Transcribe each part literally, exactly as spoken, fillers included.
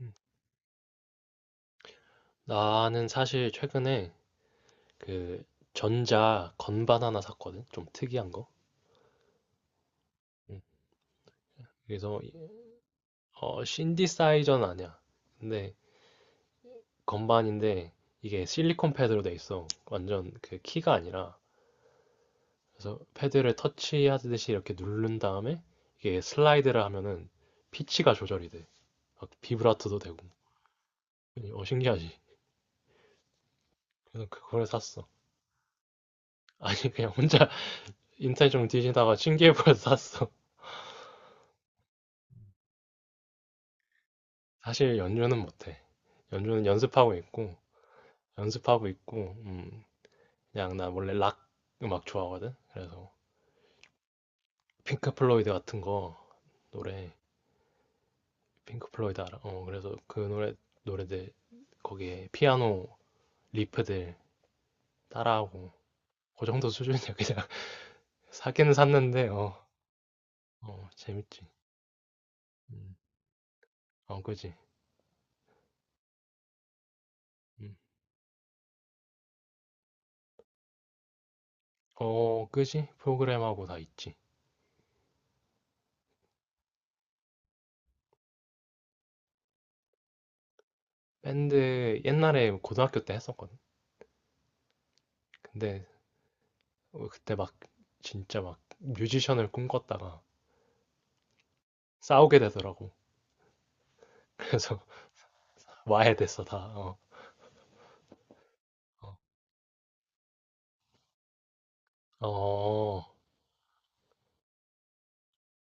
음. 나는 사실 최근에 그 전자 건반 하나 샀거든. 좀 특이한 거. 음. 그래서 이- 어 신디사이저는 아니야. 근데 건반인데 이게 실리콘 패드로 돼 있어. 완전 그 키가 아니라. 그래서 패드를 터치하듯이 이렇게 누른 다음에 이게 슬라이드를 하면은 피치가 조절이 돼. 막 비브라토도 되고. 어 신기하지. 그래서 그걸 샀어. 아니, 그냥 혼자 인터넷 좀 뒤지다가 신기해 보여서 샀어. 사실 연주는 못해. 연주는 연습하고 있고, 연습하고 있고, 음, 그냥 나 원래 락 음악 좋아하거든? 그래서 핑크 플로이드 같은 거 노래, 핑크 플로이드 알아? 어, 그래서 그 노래, 노래들 거기에 피아노 리프들 따라하고, 그 정도 수준이야. 그냥 사기는 샀는데, 어, 어, 재밌지. 음, 어, 그지. 음. 어, 그지? 프로그램하고 다 있지. 밴드 옛날에 고등학교 때 했었거든. 근데 어, 그때 막 진짜 막 뮤지션을 꿈꿨다가 싸우게 되더라고. 그래서 와야 됐어 다. 어, 어, 어,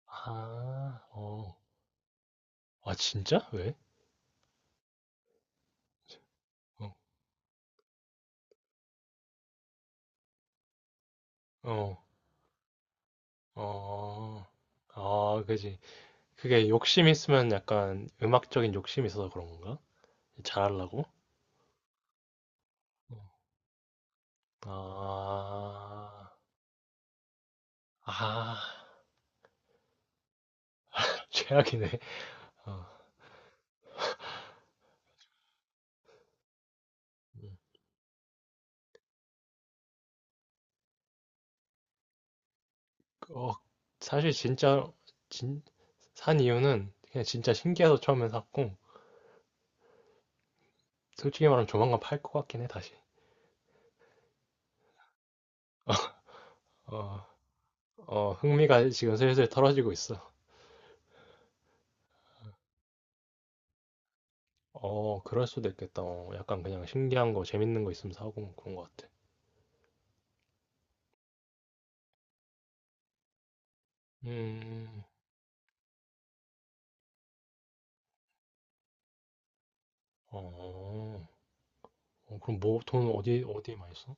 아, 어, 아, 진짜? 왜? 어, 어, 어, 아, 그지. 그게 욕심 있으면 약간 음악적인 욕심이 있어서 그런 건가? 잘하려고? 어. 아, 아, 최악이네. 어, 음. 어, 사실 진짜 진, 산 이유는 그냥 진짜 신기해서 처음에 샀고. 솔직히 말하면 조만간 팔 것 같긴 해, 다시. 어, 어, 흥미가 지금 슬슬 떨어지고 있어. 어, 그럴 수도 있겠다. 어, 약간 그냥 신기한 거, 재밌는 거 있으면 사고 그런 것 같아. 음, 어, 어, 그럼 뭐, 돈 어디, 어디에 많이 써?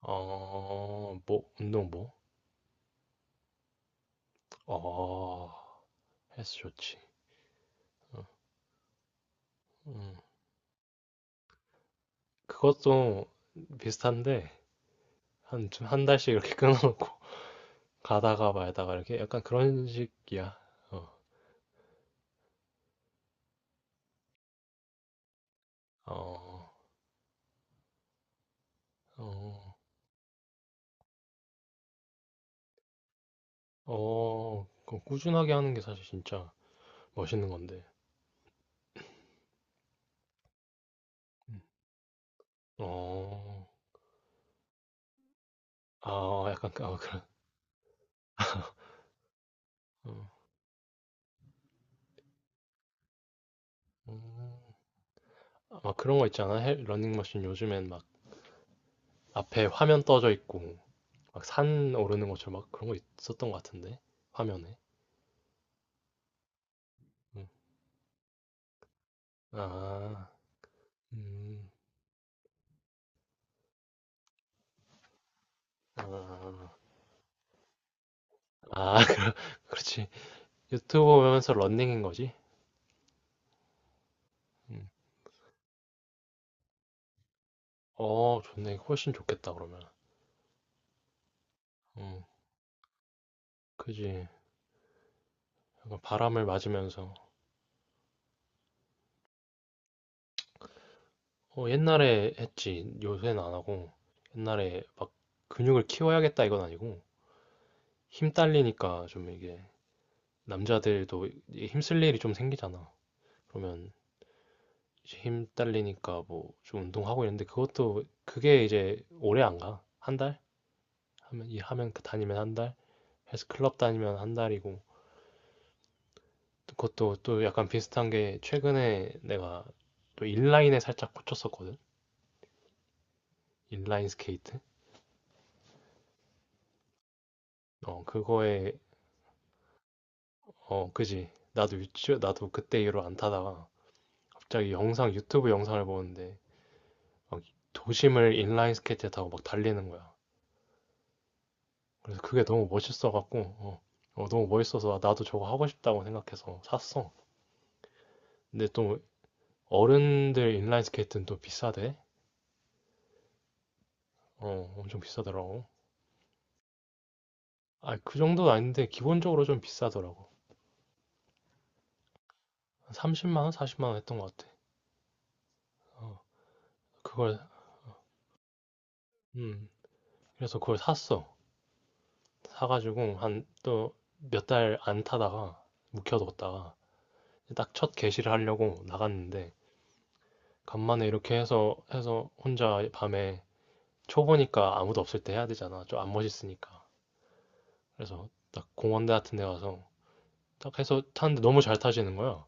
어, 어, 뭐, 운동 뭐? 어, 헬스 좋지. 어, 음, 그것도 비슷한데, 한, 좀한 달씩 이렇게 끊어놓고, 가다가 말다가 이렇게 약간 그런 식이야. 어, 어, 어. 어, 그 꾸준하게 하는 게 사실 진짜 멋있는 건데. 음. 어, 아, 약간, 그- 아, 그런, 어, 음. 막 그런 거 있잖아. 헬- 러닝머신 요즘엔 막 앞에 화면 떠져 있고, 막 산 오르는 것처럼 막 그런 거 있었던 것 같은데, 화면에. 음. 아, 음, 아, 아, 그렇지. 유튜브 보면서 러닝인 거지. 음. 어, 좋네. 훨씬 좋겠다, 그러면. 음, 그지. 약간 바람을 맞으면서. 어, 옛날에 했지. 요새는 안 하고. 옛날에 근육을 키워야겠다 이건 아니고. 힘 딸리니까 좀 이게 남자들도 이게 힘쓸 일이 좀 생기잖아. 그러면 이제 힘 딸리니까 뭐 좀 운동하고 이랬는데 그것도 그게 이제 오래 안 가. 한 달? 하면 이 하면 그 다니면 한 달. 헬스 클럽 다니면 한 달이고. 그것도 또 약간 비슷한 게 최근에 내가 또 인라인에 살짝 꽂혔었거든. 인라인 스케이트. 어, 그거에 어, 그지. 나도 유튜, 나도 그때 이후로 안 타다가 갑자기 영상, 유튜브 영상을 보는데 막 도심을 인라인 스케이트 타고 막 달리는 거야. 그래서 그게 너무 멋있어갖고, 어, 어, 너무 멋있어서 나도 저거 하고 싶다고 생각해서 샀어. 근데 또 어른들 인라인 스케이트는 또 비싸대. 어, 엄청 비싸더라고. 아, 그 정도는 아닌데 기본적으로 좀 비싸더라고. 한 삼십만 원, 사십만 원 했던 것 같아. 어, 그걸, 음, 그래서 그걸 샀어. 사가지고 한 또 몇 달 안 타다가 묵혀뒀다가 딱 첫 개시를 하려고 나갔는데 간만에 이렇게 해서 해서 혼자 밤에 초보니까 아무도 없을 때 해야 되잖아. 좀 안 멋있으니까. 그래서 딱 공원대 같은 데 가서 딱 해서 탔는데 너무 잘 타시는 거야.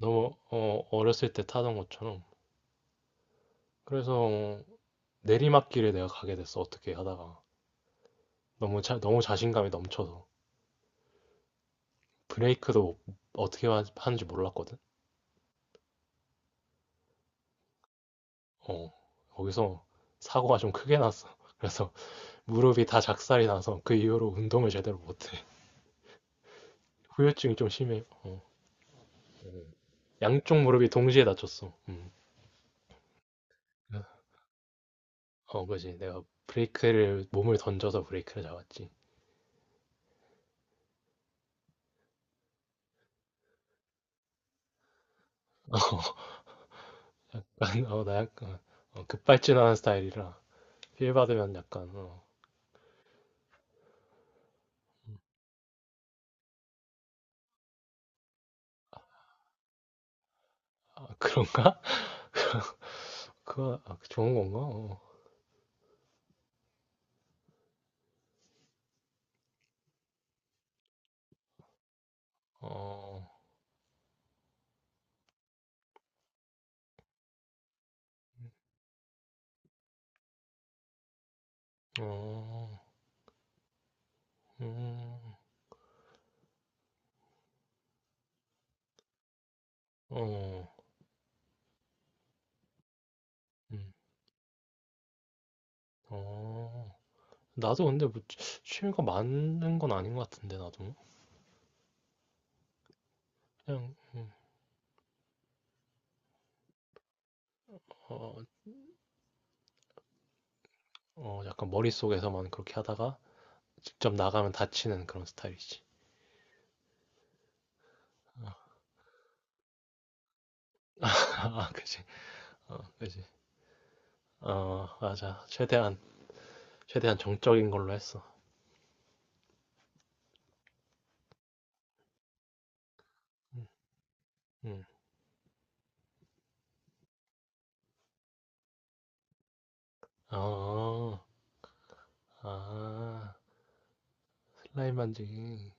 너무 어, 어렸을 때 타던 것처럼. 그래서 내리막길에 내가 가게 됐어. 어떻게 하다가 너무 자, 너무 자신감이 넘쳐서 브레이크도 어떻게 하- 하는지 몰랐거든. 어, 거기서 사고가 좀 크게 났어. 그래서 무릎이 다 작살이 나서 그 이후로 운동을 제대로 못해. 후유증이 좀 심해. 어, 양쪽 무릎이 동시에 다쳤어. 음. 어, 그지. 내가 브레이크를, 몸을 던져서 브레이크를 잡았지. 약간, 어, 나 약간, 어, 어, 급발진하는 스타일이라, 필 받으면 약간, 어, 아, 그런가? 그거, 아, 좋은 건가? 어, 어, 어, 음, 어, 음, 어, 나도 근데 뭐 취- 취미가 많은 건 아닌 것 같은데 나도 그냥 음, 어, 어, 약간 머릿속에서만 그렇게 하다가 직접 나가면 다치는 그런 스타일이지. 어, 아, 그지. 어, 그지. 어, 맞아. 최대한 최대한 정적인 걸로 했어. 음, 음. 어, 아, 슬라임 만지기.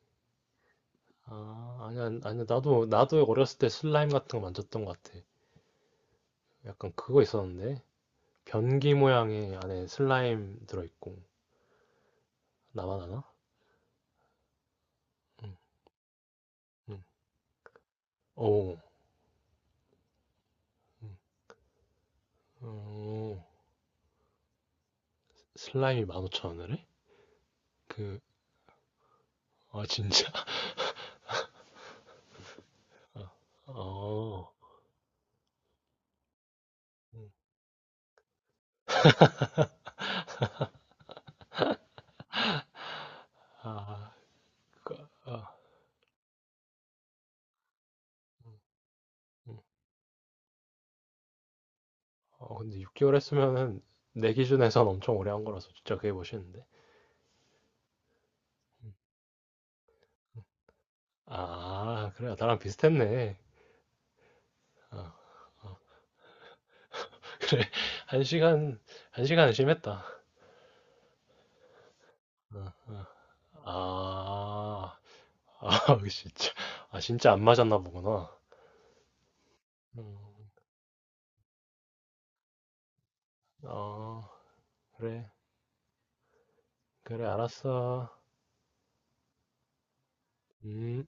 아, 아니야, 아니야. 나도 나도 어렸을 때 슬라임 같은 거 만졌던 것 같아. 약간 그거 있었는데 변기 모양의 안에 슬라임 들어있고 나만 아나? 응, 응. 오, 음, 어, 슬라임이 만 오천 원을 해? 그, 아, 진짜? 어, 음, 아, 그, 아, 음, 음. 어, 근데 육 개월 했으면은 내 기준에선 엄청 오래 한 거라서 진짜 그게 멋있는데. 음. 음. 아, 그래. 나랑 비슷했네. 어, 어. 그래. 한 시간, 한 시간은 심했다. 어, 어. 아, 아, 진짜. 아, 진짜 안 맞았나 보구나. 음, 어, 그래. 그래, 알았어. 음.